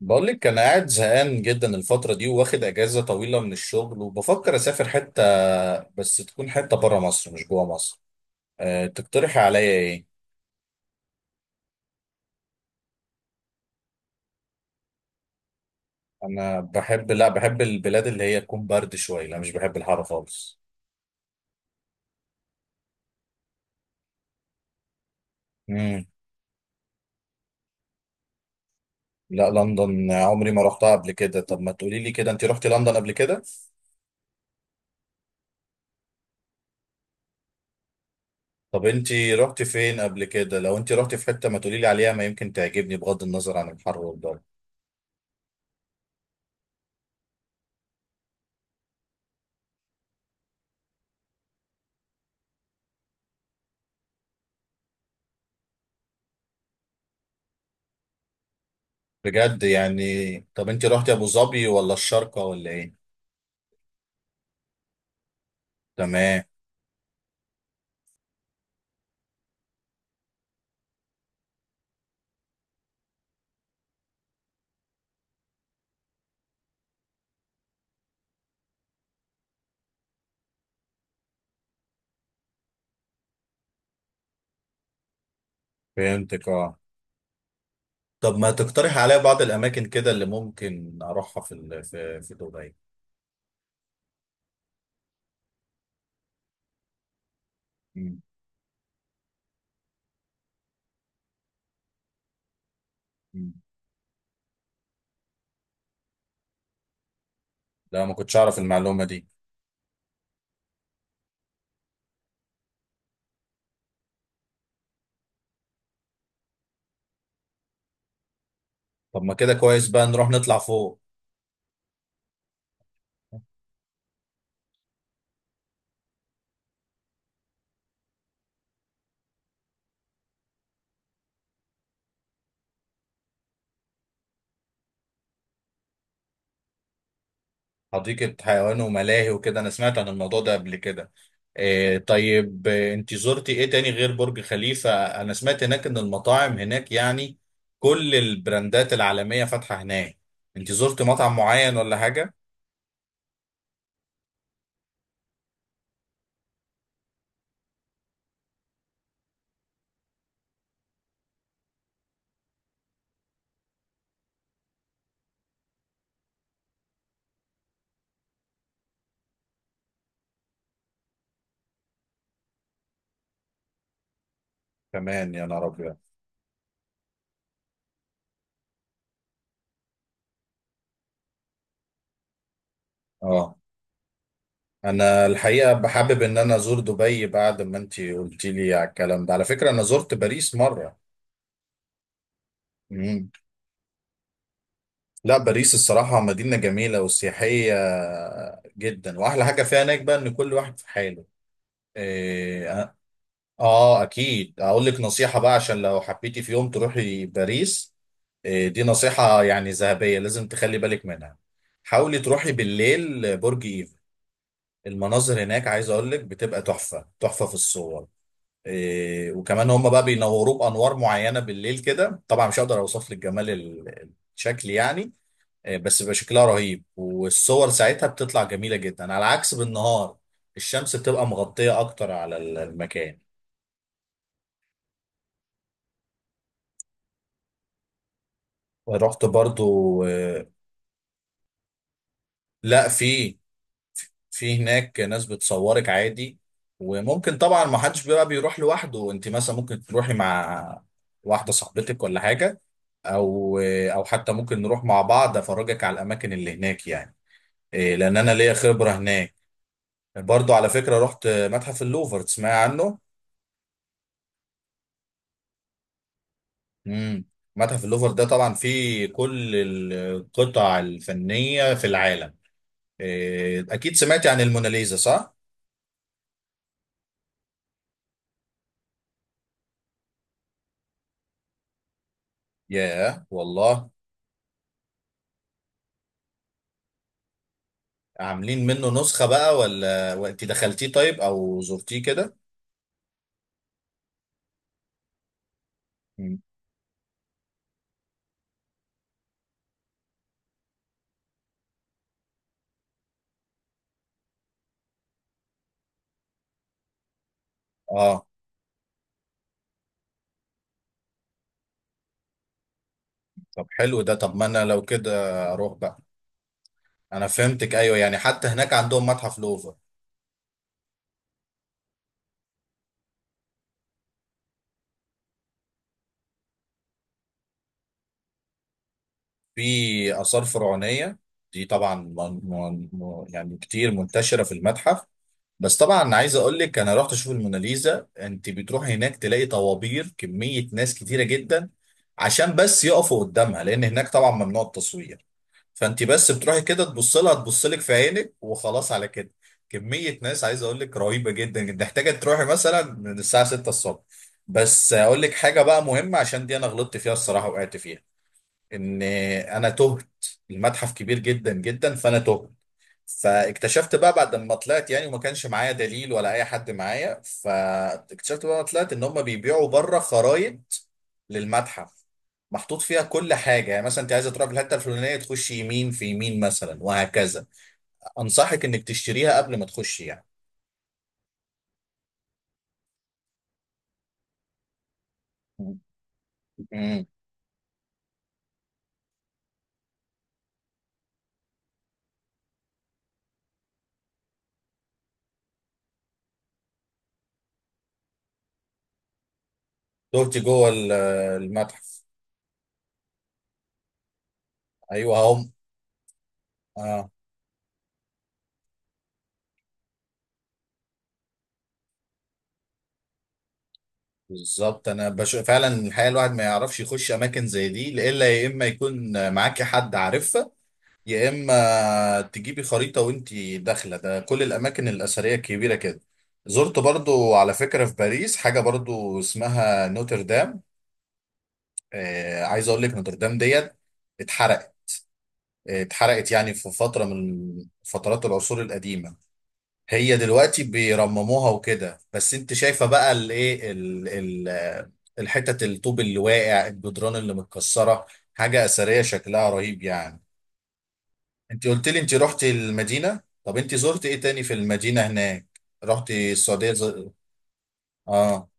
بقول لك انا قاعد زهقان جدا الفتره دي، واخد اجازه طويله من الشغل وبفكر اسافر حته. بس تكون حته بره مصر مش جوه مصر. تقترحي عليا ايه؟ انا بحب، لا، بحب البلاد اللي هي تكون برد شويه. لا، مش بحب الحر خالص. امم لا، لندن عمري ما رحتها قبل كده. طب ما تقولي لي كده، انت رحتي لندن قبل كده؟ طب انت رحتي فين قبل كده؟ لو انت رحتي في حته ما تقولي لي عليها، ما يمكن تعجبني بغض النظر عن الحر والجو. بجد يعني. طب انت رحتي ابو ظبي ولا الشارقه ولا ايه؟ تمام، فهمتك. اه، طب ما تقترح عليا بعض الاماكن كده اللي ممكن اروحها في ال- في في دبي. مم. مم. لا، ما كنتش اعرف المعلومه دي. طب ما كده كويس، بقى نروح نطلع فوق. حديقه حيوان وملاهي وكده، انا سمعت عن الموضوع ده قبل كده. إيه طيب، انت زرتي ايه تاني غير برج خليفه؟ انا سمعت هناك ان المطاعم هناك، يعني كل البراندات العالميه فاتحه هناك. انت زرتي مطعم معين ولا حاجه؟ كمان يا نهار ابيض. اه، انا الحقيقه بحابب ان انا ازور دبي بعد ما انتي قلتي لي على الكلام ده. على فكره انا زرت باريس مره. مم. لا، باريس الصراحه مدينه جميله وسياحيه جدا، واحلى حاجه فيها هناك بقى ان كل واحد في حاله. إيه اه اكيد، اقول لك نصيحه بقى عشان لو حبيتي في يوم تروحي باريس. إيه، دي نصيحه يعني ذهبيه، لازم تخلي بالك منها. حاولي تروحي بالليل برج ايفل، المناظر هناك عايز اقول لك بتبقى تحفه تحفه في الصور. إيه، وكمان هم بقى بينوروه بانوار معينه بالليل كده، طبعا مش هقدر اوصف لك جمال الشكل يعني. إيه، بس بيبقى شكلها رهيب والصور ساعتها بتطلع جميله جدا على عكس بالنهار. الشمس بتبقى مغطيه اكتر على المكان. رحت برضو لا، في هناك ناس بتصورك عادي. وممكن طبعا، ما حدش بقى بيروح لوحده، انت مثلا ممكن تروحي مع واحده صاحبتك ولا حاجه، او حتى ممكن نروح مع بعض، افرجك على الاماكن اللي هناك، يعني إيه، لان انا ليا خبره هناك. برضو على فكره رحت متحف اللوفر، تسمعي عنه؟ امم متحف اللوفر ده طبعا فيه كل القطع الفنيه في العالم. إيه، اكيد سمعتي عن الموناليزا، صح؟ ياه والله، عاملين منه نسخة بقى ولا وانت دخلتيه؟ طيب او زرتيه كده؟ مم. اه طب حلو ده، طب ما انا لو كده اروح بقى. انا فهمتك، ايوه، يعني حتى هناك عندهم متحف لوفر. في آثار فرعونية، دي طبعا يعني كتير منتشرة في المتحف. بس طبعا عايز اقول لك انا رحت اشوف الموناليزا، انت بتروح هناك تلاقي طوابير، كمية ناس كتيرة جدا، عشان بس يقفوا قدامها، لان هناك طبعا ممنوع التصوير. فانت بس بتروحي كده، تبص لها، تبص لك في عينك، وخلاص على كده. كمية ناس عايز اقول لك رهيبة جدا جدا، محتاجة تروحي مثلا من الساعة 6 الصبح. بس اقول لك حاجة بقى مهمة، عشان دي انا غلطت فيها الصراحة، وقعت فيها، ان انا تهت. المتحف كبير جدا جدا، فانا تهت. فاكتشفت بقى بعد ما طلعت يعني، وما كانش معايا دليل ولا اي حد معايا، فاكتشفت بقى ما طلعت ان هم بيبيعوا بره خرايط للمتحف، محطوط فيها كل حاجه. يعني مثلا انت عايزه تروح في الحته الفلانيه، تخش يمين في يمين مثلا، وهكذا. انصحك انك تشتريها قبل ما تخش يعني. امم دوتي جوه المتحف. ايوه هم. اه بالظبط، انا فعلا الحقيقه الواحد ما يعرفش يخش اماكن زي دي، الا يا اما يكون معاك حد عارفها، يا اما تجيبي خريطه وانتي داخله. ده كل الاماكن الاثريه الكبيره كده. زرت برضو على فكره في باريس حاجه برضو اسمها نوتردام. عايز اقول لك، نوتردام ديت اتحرقت. اتحرقت يعني في فتره من فترات العصور القديمه. هي دلوقتي بيرمموها وكده، بس انت شايفه بقى الايه، الحتت، الطوب اللي واقع، الجدران اللي متكسره، حاجه اثريه شكلها رهيب يعني. انت قلت لي انت رحت المدينة، طب انت زرت ايه تاني في المدينة هناك؟ رحت السعودية اه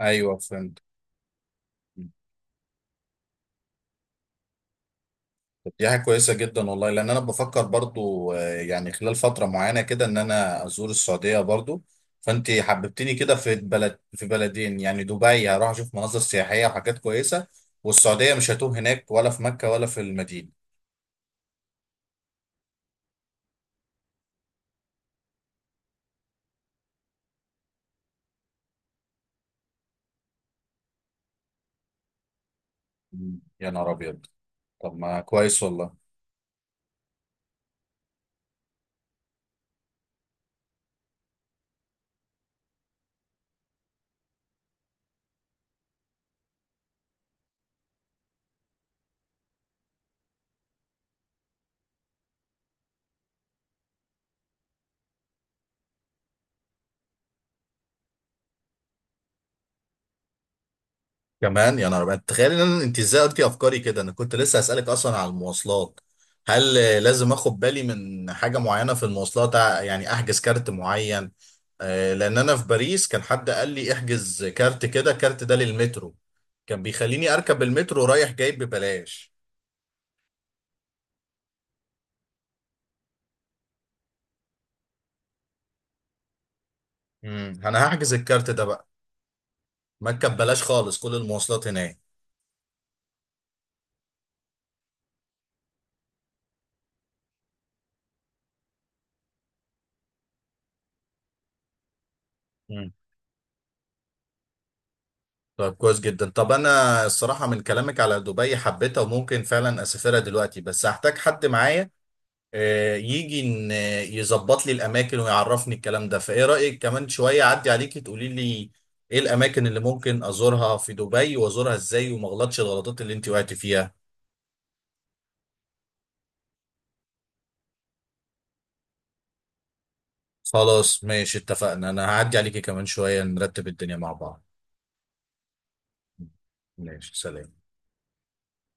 ايوه فهمت. طب دي حاجة كويسة جدا والله، لان انا بفكر برضو يعني خلال فترة معينة كده، ان انا ازور السعودية برضو. فانت حببتني كده في بلد، في بلدين يعني. دبي هروح اشوف مناظر سياحية وحاجات كويسة، والسعودية مش هتوه هناك ولا في مكة ولا في المدينة. مم. يا نهار ابيض، طب ما كويس والله. كمان يا نهار أبيض، تخيل ان انت ازاي قلتي افكاري كده، انا كنت لسه هسألك اصلا على المواصلات. هل لازم اخد بالي من حاجة معينة في المواصلات، يعني احجز كارت معين؟ لان انا في باريس كان حد قال لي احجز كارت كده، الكارت ده للمترو كان بيخليني اركب المترو رايح جاي ببلاش. انا هحجز الكارت ده بقى. ما اركب بلاش خالص كل المواصلات هناك. مم. طب كويس جدا. طب انا الصراحة من كلامك على دبي حبيتها وممكن فعلا اسافرها دلوقتي، بس هحتاج حد معايا يجي ان يظبط لي الاماكن ويعرفني الكلام ده. فايه رايك كمان شويه اعدي عليكي، تقولي لي ايه الاماكن اللي ممكن ازورها في دبي وازورها ازاي، وما اغلطش الغلطات اللي انت وقعتي فيها. خلاص ماشي، اتفقنا، انا هعدي عليكي كمان شويه نرتب الدنيا مع بعض. ماشي، سلام.